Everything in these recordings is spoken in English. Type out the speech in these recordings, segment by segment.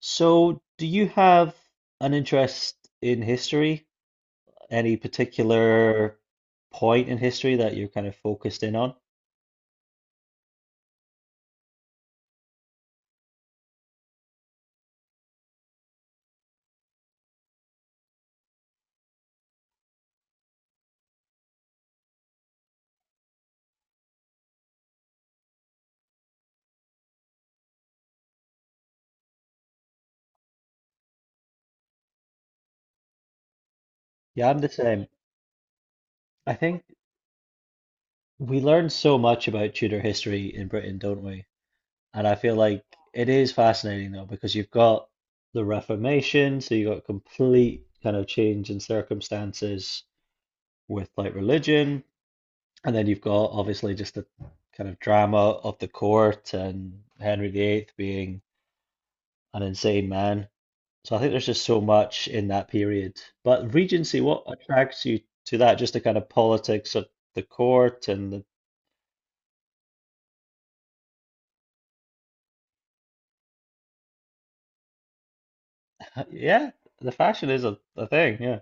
So, do you have an interest in history? Any particular point in history that you're kind of focused in on? Yeah, I'm the same. I think we learn so much about Tudor history in Britain, don't we? And I feel like it is fascinating though, because you've got the Reformation, so you've got complete kind of change in circumstances with like religion, and then you've got obviously just the kind of drama of the court and Henry VIII being an insane man. So I think there's just so much in that period. But Regency, what attracts you to that? Just the kind of politics of the court and the yeah, the fashion is a thing. Yeah,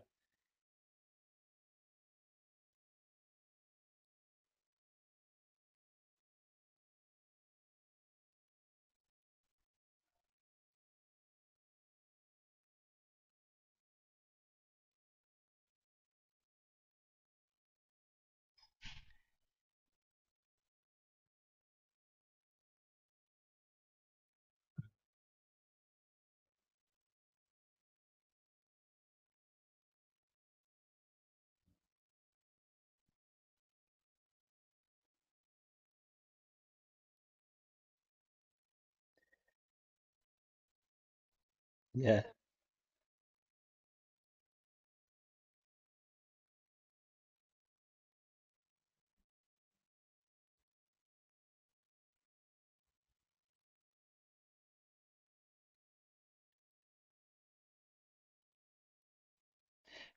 yeah,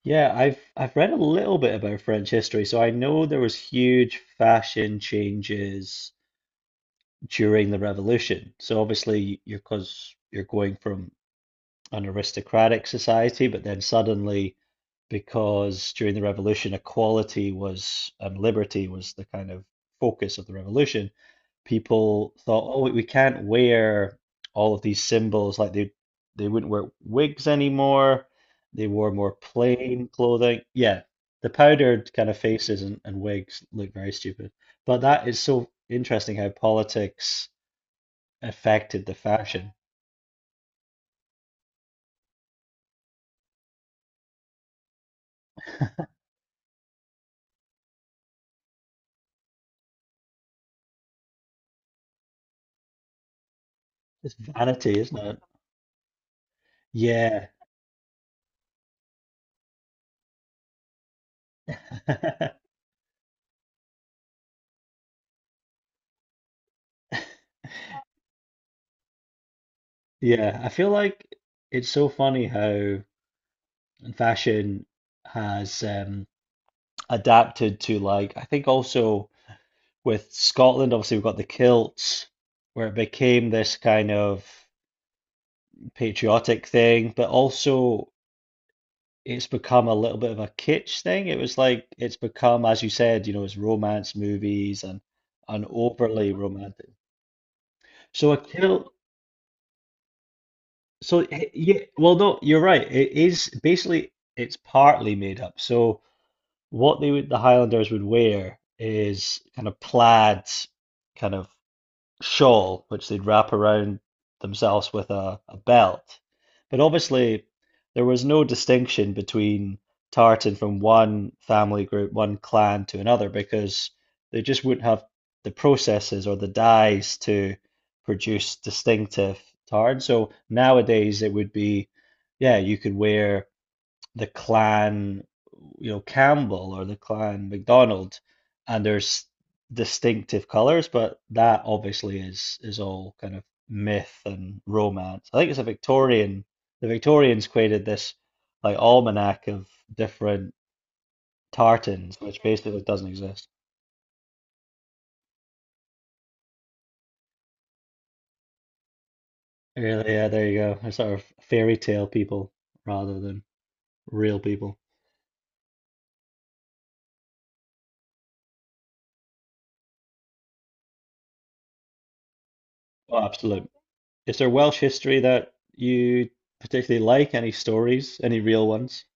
yeah. I've read a little bit about French history, so I know there was huge fashion changes during the revolution. So obviously, you're because you're going from an aristocratic society, but then suddenly, because during the revolution, equality was and liberty was the kind of focus of the revolution, people thought, oh, we can't wear all of these symbols. Like they wouldn't wear wigs anymore. They wore more plain clothing. Yeah, the powdered kind of faces and wigs look very stupid. But that is so interesting how politics affected the fashion. It's vanity, isn't it? Yeah. Yeah, I feel like it's so funny how fashion has adapted to like I think also with Scotland, obviously we've got the kilts where it became this kind of patriotic thing, but also it's become a little bit of a kitsch thing. It was like it's become, as you said, you know, it's romance movies and overly romantic. So a kilt. So yeah, well, no, you're right. It is basically it's partly made up. So what they would the Highlanders would wear is kind of plaid, kind of shawl which they'd wrap around themselves with a belt. But obviously, there was no distinction between tartan from one family group, one clan to another, because they just wouldn't have the processes or the dyes to produce distinctive tartan. So nowadays, it would be, yeah, you could wear the clan, you know, Campbell or the clan MacDonald, and there's distinctive colors, but that obviously is all kind of myth and romance. I think it's a Victorian. The Victorians created this like almanac of different tartans, which basically doesn't exist. Really, yeah, there you go. They're sort of fairy tale people rather than real people. Oh, absolutely. Is there Welsh history that you particularly like? Any stories? Any real ones?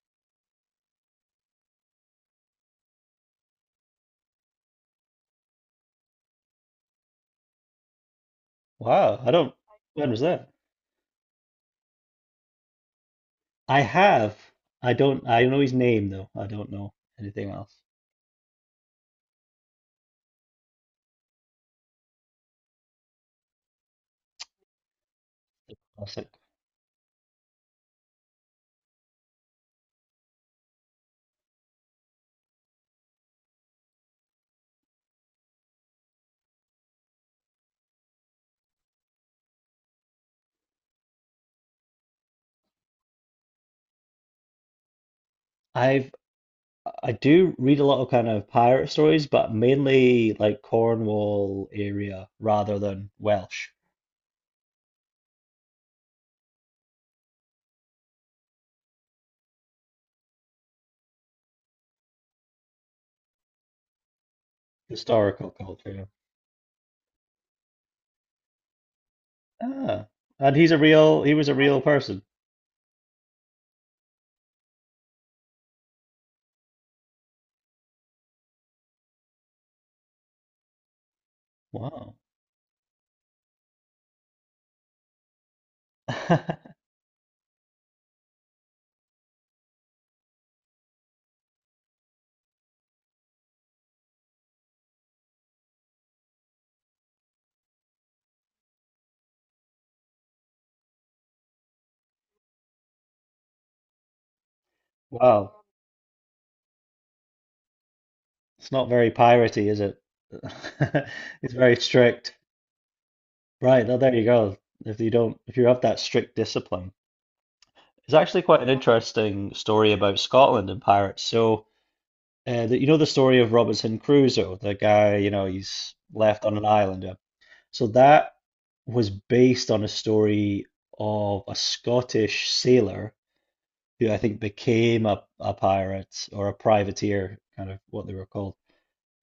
Wow, I don't. When was that? I have. I don't. I know his name though. I don't know anything else. Classic. I've. I do read a lot of kind of pirate stories, but mainly like Cornwall area rather than Welsh historical culture. Ah, and he's a real. He was a real person. Wow. Wow. It's not very piratey, is it? It's very strict. Right. Well, there you go. If you don't, if you have that strict discipline. It's actually quite an interesting story about Scotland and pirates. So, the, you know the story of Robinson Crusoe, the guy, you know, he's left on an island. Yeah. So that was based on a story of a Scottish sailor who I think became a pirate or a privateer, kind of what they were called.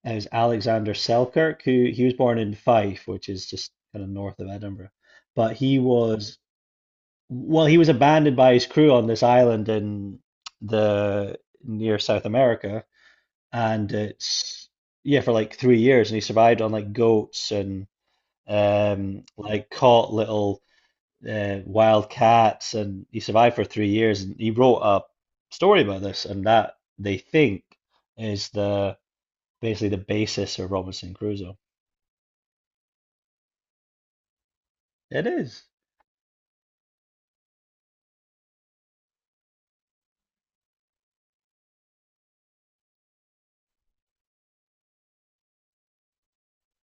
And it was Alexander Selkirk, who he was born in Fife, which is just kind of north of Edinburgh. But he was well, he was abandoned by his crew on this island in the near South America, and it's yeah for like 3 years, and he survived on like goats and like caught little wild cats, and he survived for 3 years, and he wrote a story about this, and that they think is the basically the basis of Robinson Crusoe. It is,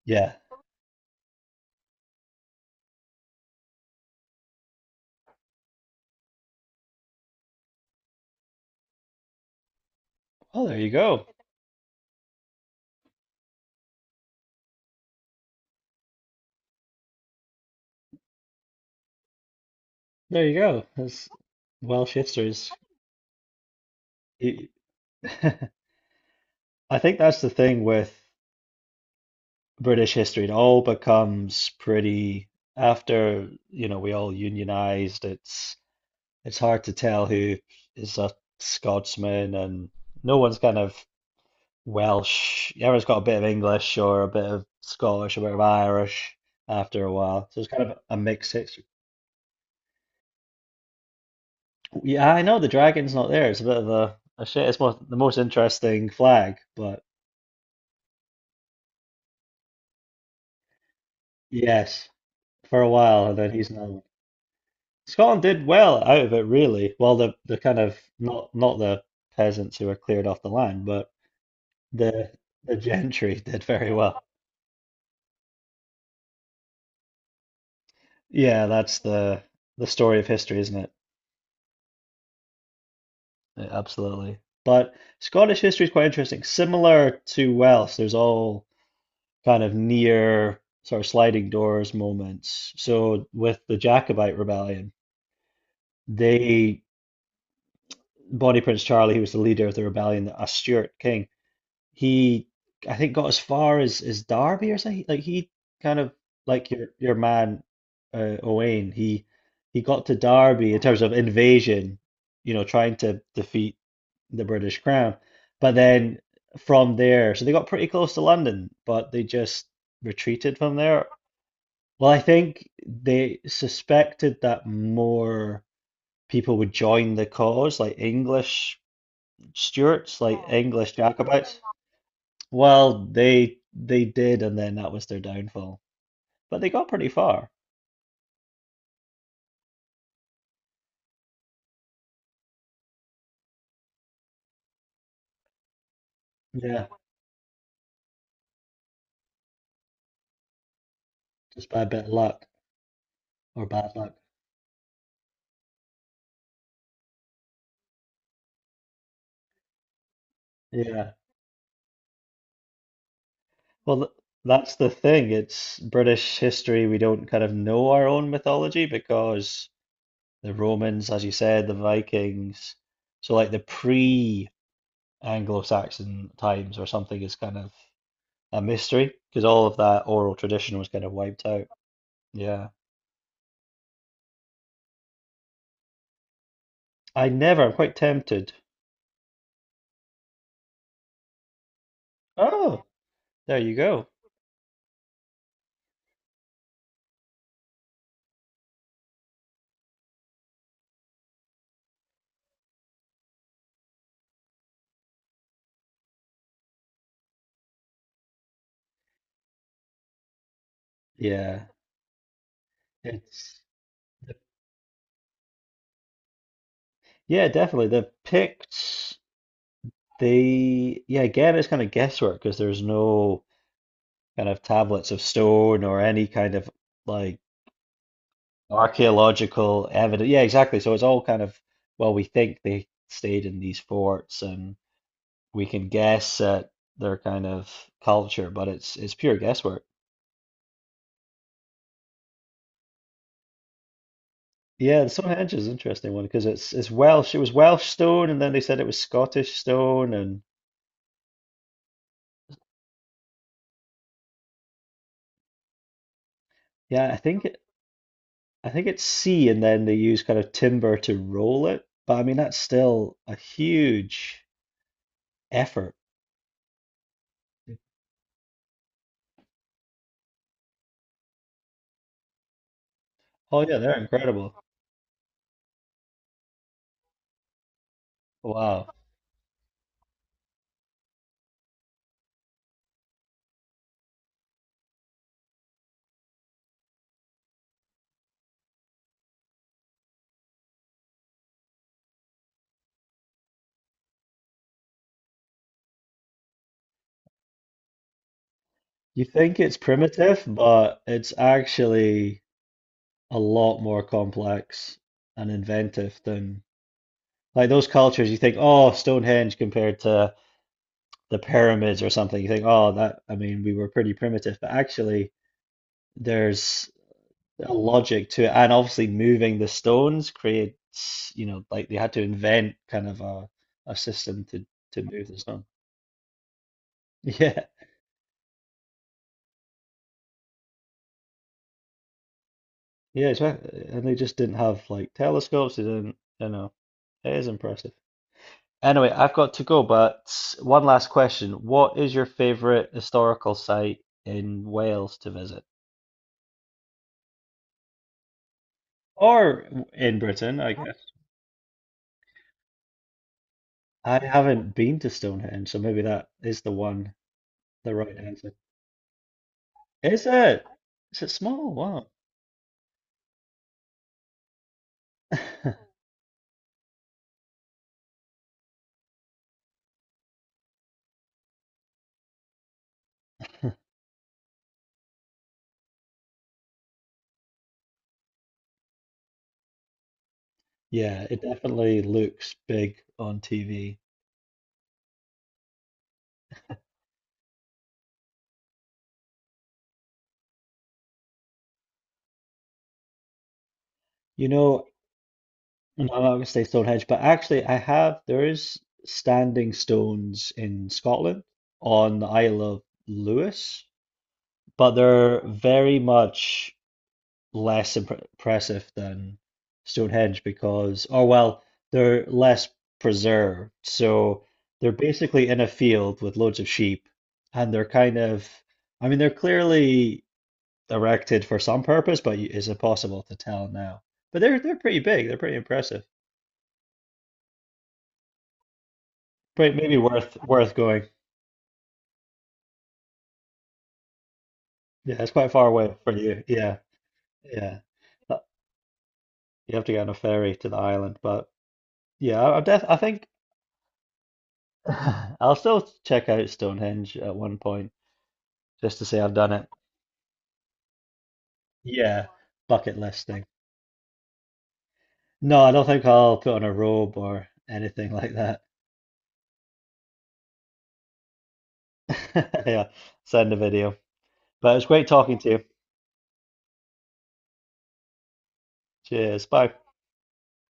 yeah. Well, there you go, there you go. That's Welsh history is. I think that's the thing with British history. It all becomes pretty after, you know, we all unionized. It's hard to tell who is a Scotsman and no one's kind of Welsh. Everyone's got a bit of English or a bit of Scottish, a bit of Irish after a while. So it's kind of a mixed history. Yeah, I know the dragon's not there. It's a bit of a shit. It's more, the most interesting flag, but yes, for a while, and then he's not. Scotland did well out of it, really. Well, the kind of not not the peasants who were cleared off the land, but the the gentry did very well. Yeah, that's the story of history, isn't it? Yeah, absolutely. But Scottish history is quite interesting. Similar to Welsh, there's all kind of near sort of sliding doors moments. So with the Jacobite rebellion, they Bonnie Prince Charlie, who was the leader of the rebellion, a Stuart king he I think got as far as Derby or something. Like he kind of like your man Owain. He got to Derby in terms of invasion, you know, trying to defeat the British Crown. But then from there, so they got pretty close to London, but they just retreated from there. Well, I think they suspected that more people would join the cause, like English Stuarts, like oh, English Jacobites. Well, they did, and then that was their downfall. But they got pretty far. Yeah, just by a bit of luck or bad luck. Yeah. Well, th that's the thing. It's British history. We don't kind of know our own mythology because the Romans, as you said, the Vikings. So like the pre-Anglo-Saxon times or something is kind of a mystery because all of that oral tradition was kind of wiped out. Yeah. I never. I'm quite tempted. Oh, there you go. Yeah. It's yeah, definitely. They've picked the yeah, again, it's kind of guesswork because there's no kind of tablets of stone or any kind of like archaeological evidence. Yeah, exactly. So it's all kind of well, we think they stayed in these forts and we can guess at their kind of culture, but it's pure guesswork. Yeah, the Stonehenge is an interesting one because it's Welsh. It was Welsh stone, and then they said it was Scottish stone, and yeah, I think it's C, and then they use kind of timber to roll it. But I mean, that's still a huge effort. Oh yeah, they're incredible. Wow. You think it's primitive, but it's actually a lot more complex and inventive than like those cultures. You think, oh, Stonehenge compared to the pyramids or something. You think, oh, that, I mean, we were pretty primitive, but actually, there's a logic to it, and obviously moving the stones creates, you know, like they had to invent kind of a system to move the stone. Yeah, yeah, it's right. And they just didn't have like telescopes. They didn't, you know, it is impressive. Anyway, I've got to go, but one last question. What is your favorite historical site in Wales to visit? Or in Britain, I guess. I haven't been to Stonehenge, so maybe that is the one, the right answer. Is it? Is it small? Wow. Yeah, it definitely looks big on TV. You know, and I'm not gonna say Stonehenge, but actually I have there is standing stones in Scotland on the Isle of Lewis, but they're very much less impressive than Stonehenge because, or well, they're less preserved. So they're basically in a field with loads of sheep, and they're kind of, I mean, they're clearly erected for some purpose, but is it possible to tell now? But they're pretty big. They're pretty impressive. Pretty, maybe worth going. Yeah, it's quite far away for you. Yeah, yeah. Uh, you have to get on a ferry to the island, but yeah, I'm def I think I'll still check out Stonehenge at one point just to say I've done it. Yeah, bucket list thing. No, I don't think I'll put on a robe or anything like that. Yeah, send a video. But it's great talking to you. Cheers. Bye.